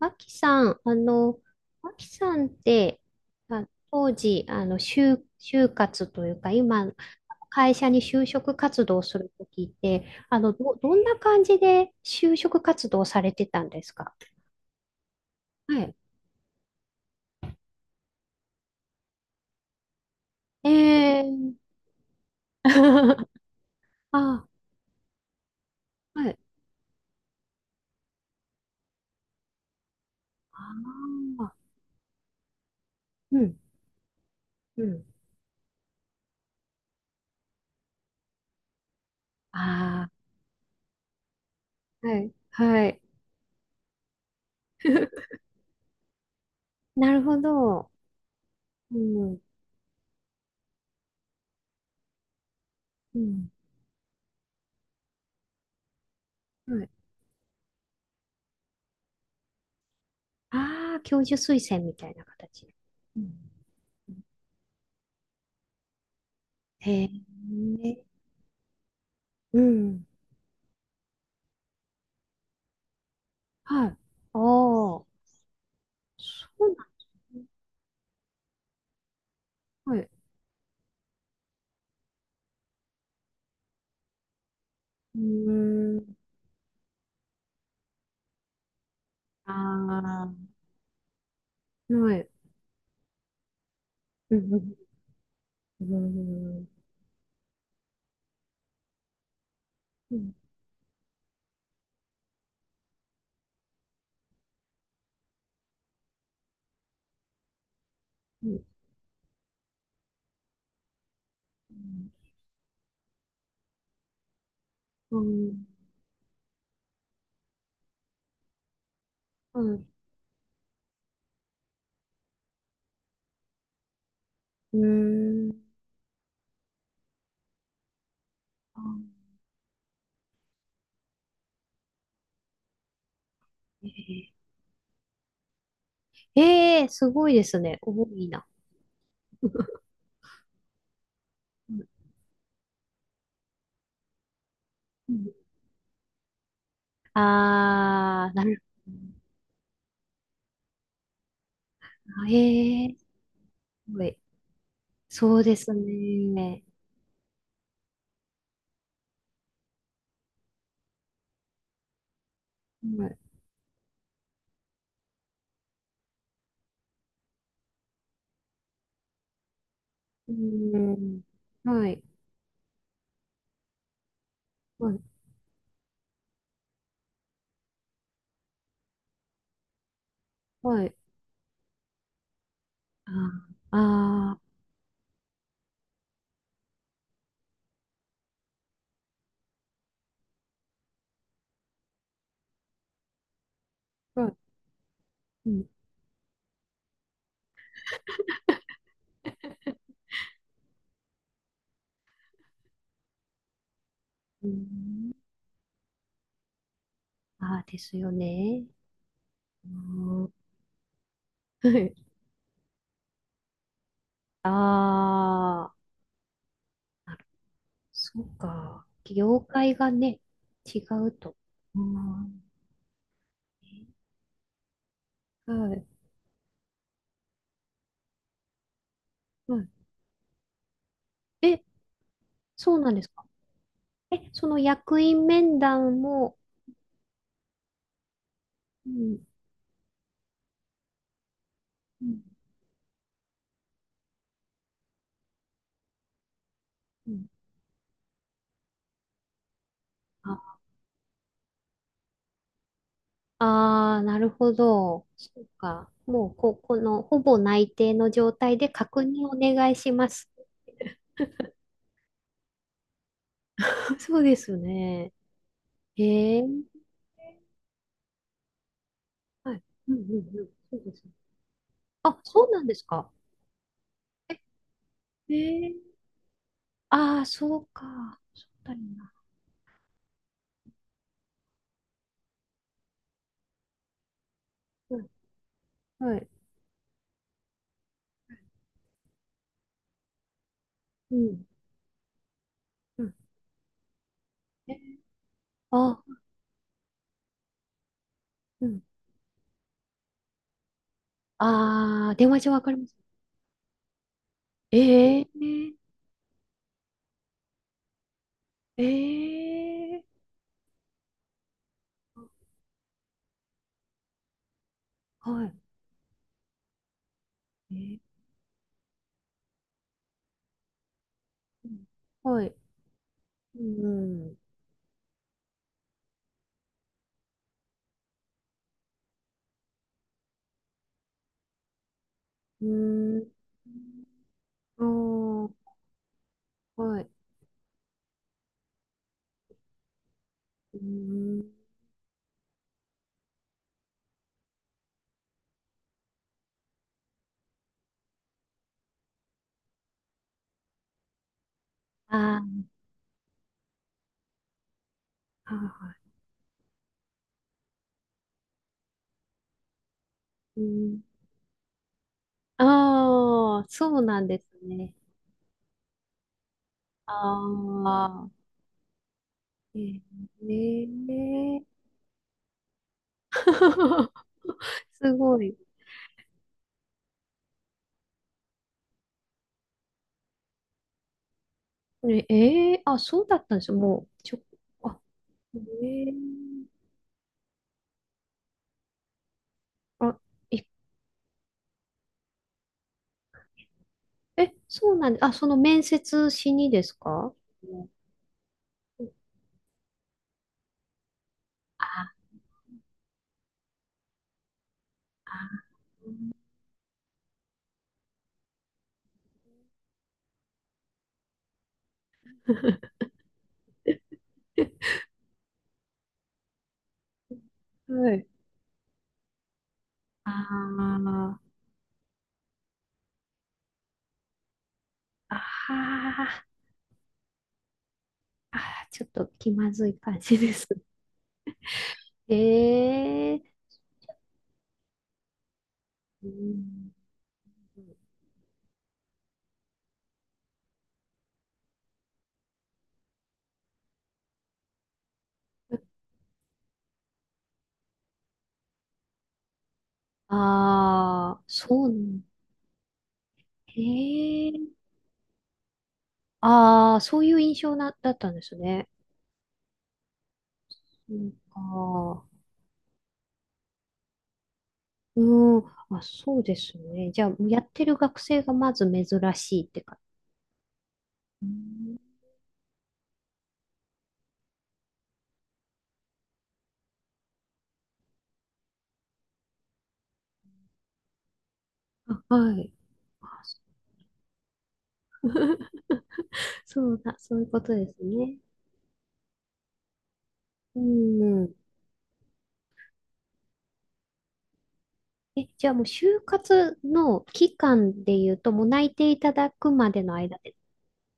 あきさん、あきさんって、あ、当時、あの、就、就活というか、今、会社に就職活動するときって、どんな感じで就職活動されてたんですか？はい。えー、あ、はい。ああ、うん、うん。ああ、はい、はい。なるほど。うん、うん、はい。ああ、教授推薦みたいな形。うん。へえ、うん。はい。ああ、そうなの、はい。うーん。ああ、はい。うん、うん、うん、うん、うん、うん、うん、うん。うん。うん。あー、ええ、すごいですね。多いな。うん。うん。ああ、なるほど。あ、ええ、すごい。そうですね。はい。うん、はい。はい。はい。ああ、ああ。うん。うん。うん。ああ、ですよね。うん。あーあ、そうか。業界がね、違うと。うん。はい。はい。え、そうなんですか？え、その役員面談も、うん。うん。うん。ああー、なるほど。そうか。もう、この、ほぼ内定の状態で確認お願いします。そうですね。へえ。はい。うん、うん、うん。そうですね。あ、そうなんですか？え、えー、ああ、そうか。そうだよな。うん、はい。うん、うん。え、あ、うん。ああ、電話帳わかります。ええー、ええー、はい。えー、うん。はい。うん。うーん。ああ、はい。うーん。ああ、はいはい。うん。ああ、そうなんですね。ああ。ええ。 ーすごい。ねえー、あ、そうだったんですよ。もう、ちょ、あ、えー、あ、いえ、そうなんで、あ、その面接しにですか？うん。ああ、はい。ああ、ああ、あー、ちょっと気まずい感じです。ええー、うん。ああ、そうなん、ええ。ああ、そういう印象な、だったんですね。うん、ああ、うん、あ、そうですね。じゃあ、やってる学生がまず珍しいってか。うん。あ、はい。あ、そうだ、そういうことですね。うん。え、じゃあもう就活の期間で言うと、もう内定いただくまでの間で。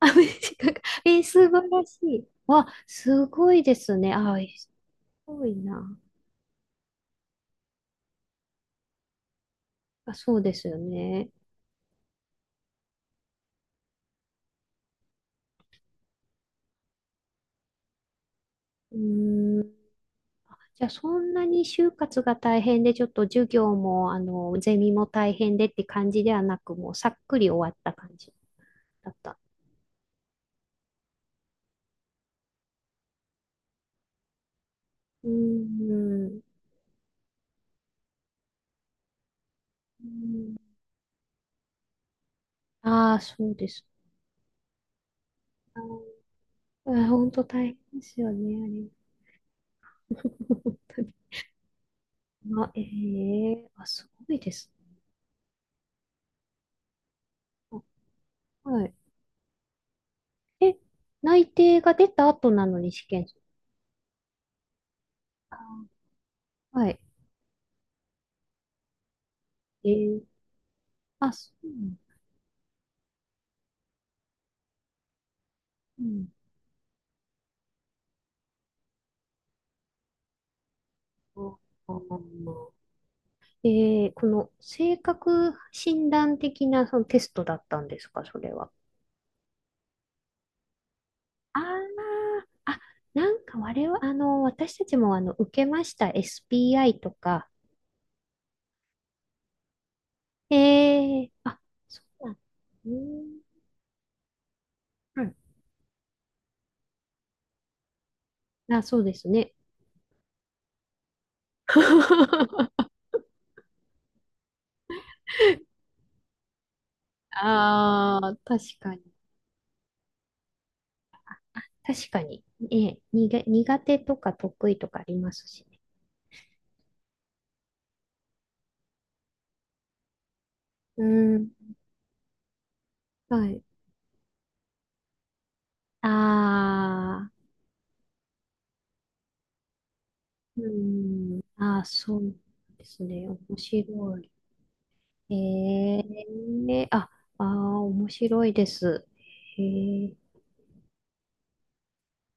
あ、短く。え、素晴らしい。わ、すごいですね。あ、すごいな。あ、そうですよね。うーん。じゃあ、そんなに就活が大変で、ちょっと授業も、ゼミも大変でって感じではなく、もうさっくり終わった感じだった。うーん。ああー、そうです。あー、本当大変ですよね、あれ。本当に。あ、ええ、あ、すごいですね。あ、はい。え、内定が出た後なのに試験？あ、はい。ええ、あ、そう。うん。ああ。えー、この性格診断的なそのテストだったんですか、それは？ああ、あ、なんか我々、私たちもあの受けました、SPI とか。えー、あ、そうなん、うーん、うん、あ、そうですね。ああ、確かに。確かに。ええ、苦手とか得意とかありますしね。うん。はい。あ、うん。ああ、そうですね。面白い。ええ、あ、ああ、面白いです。へえ。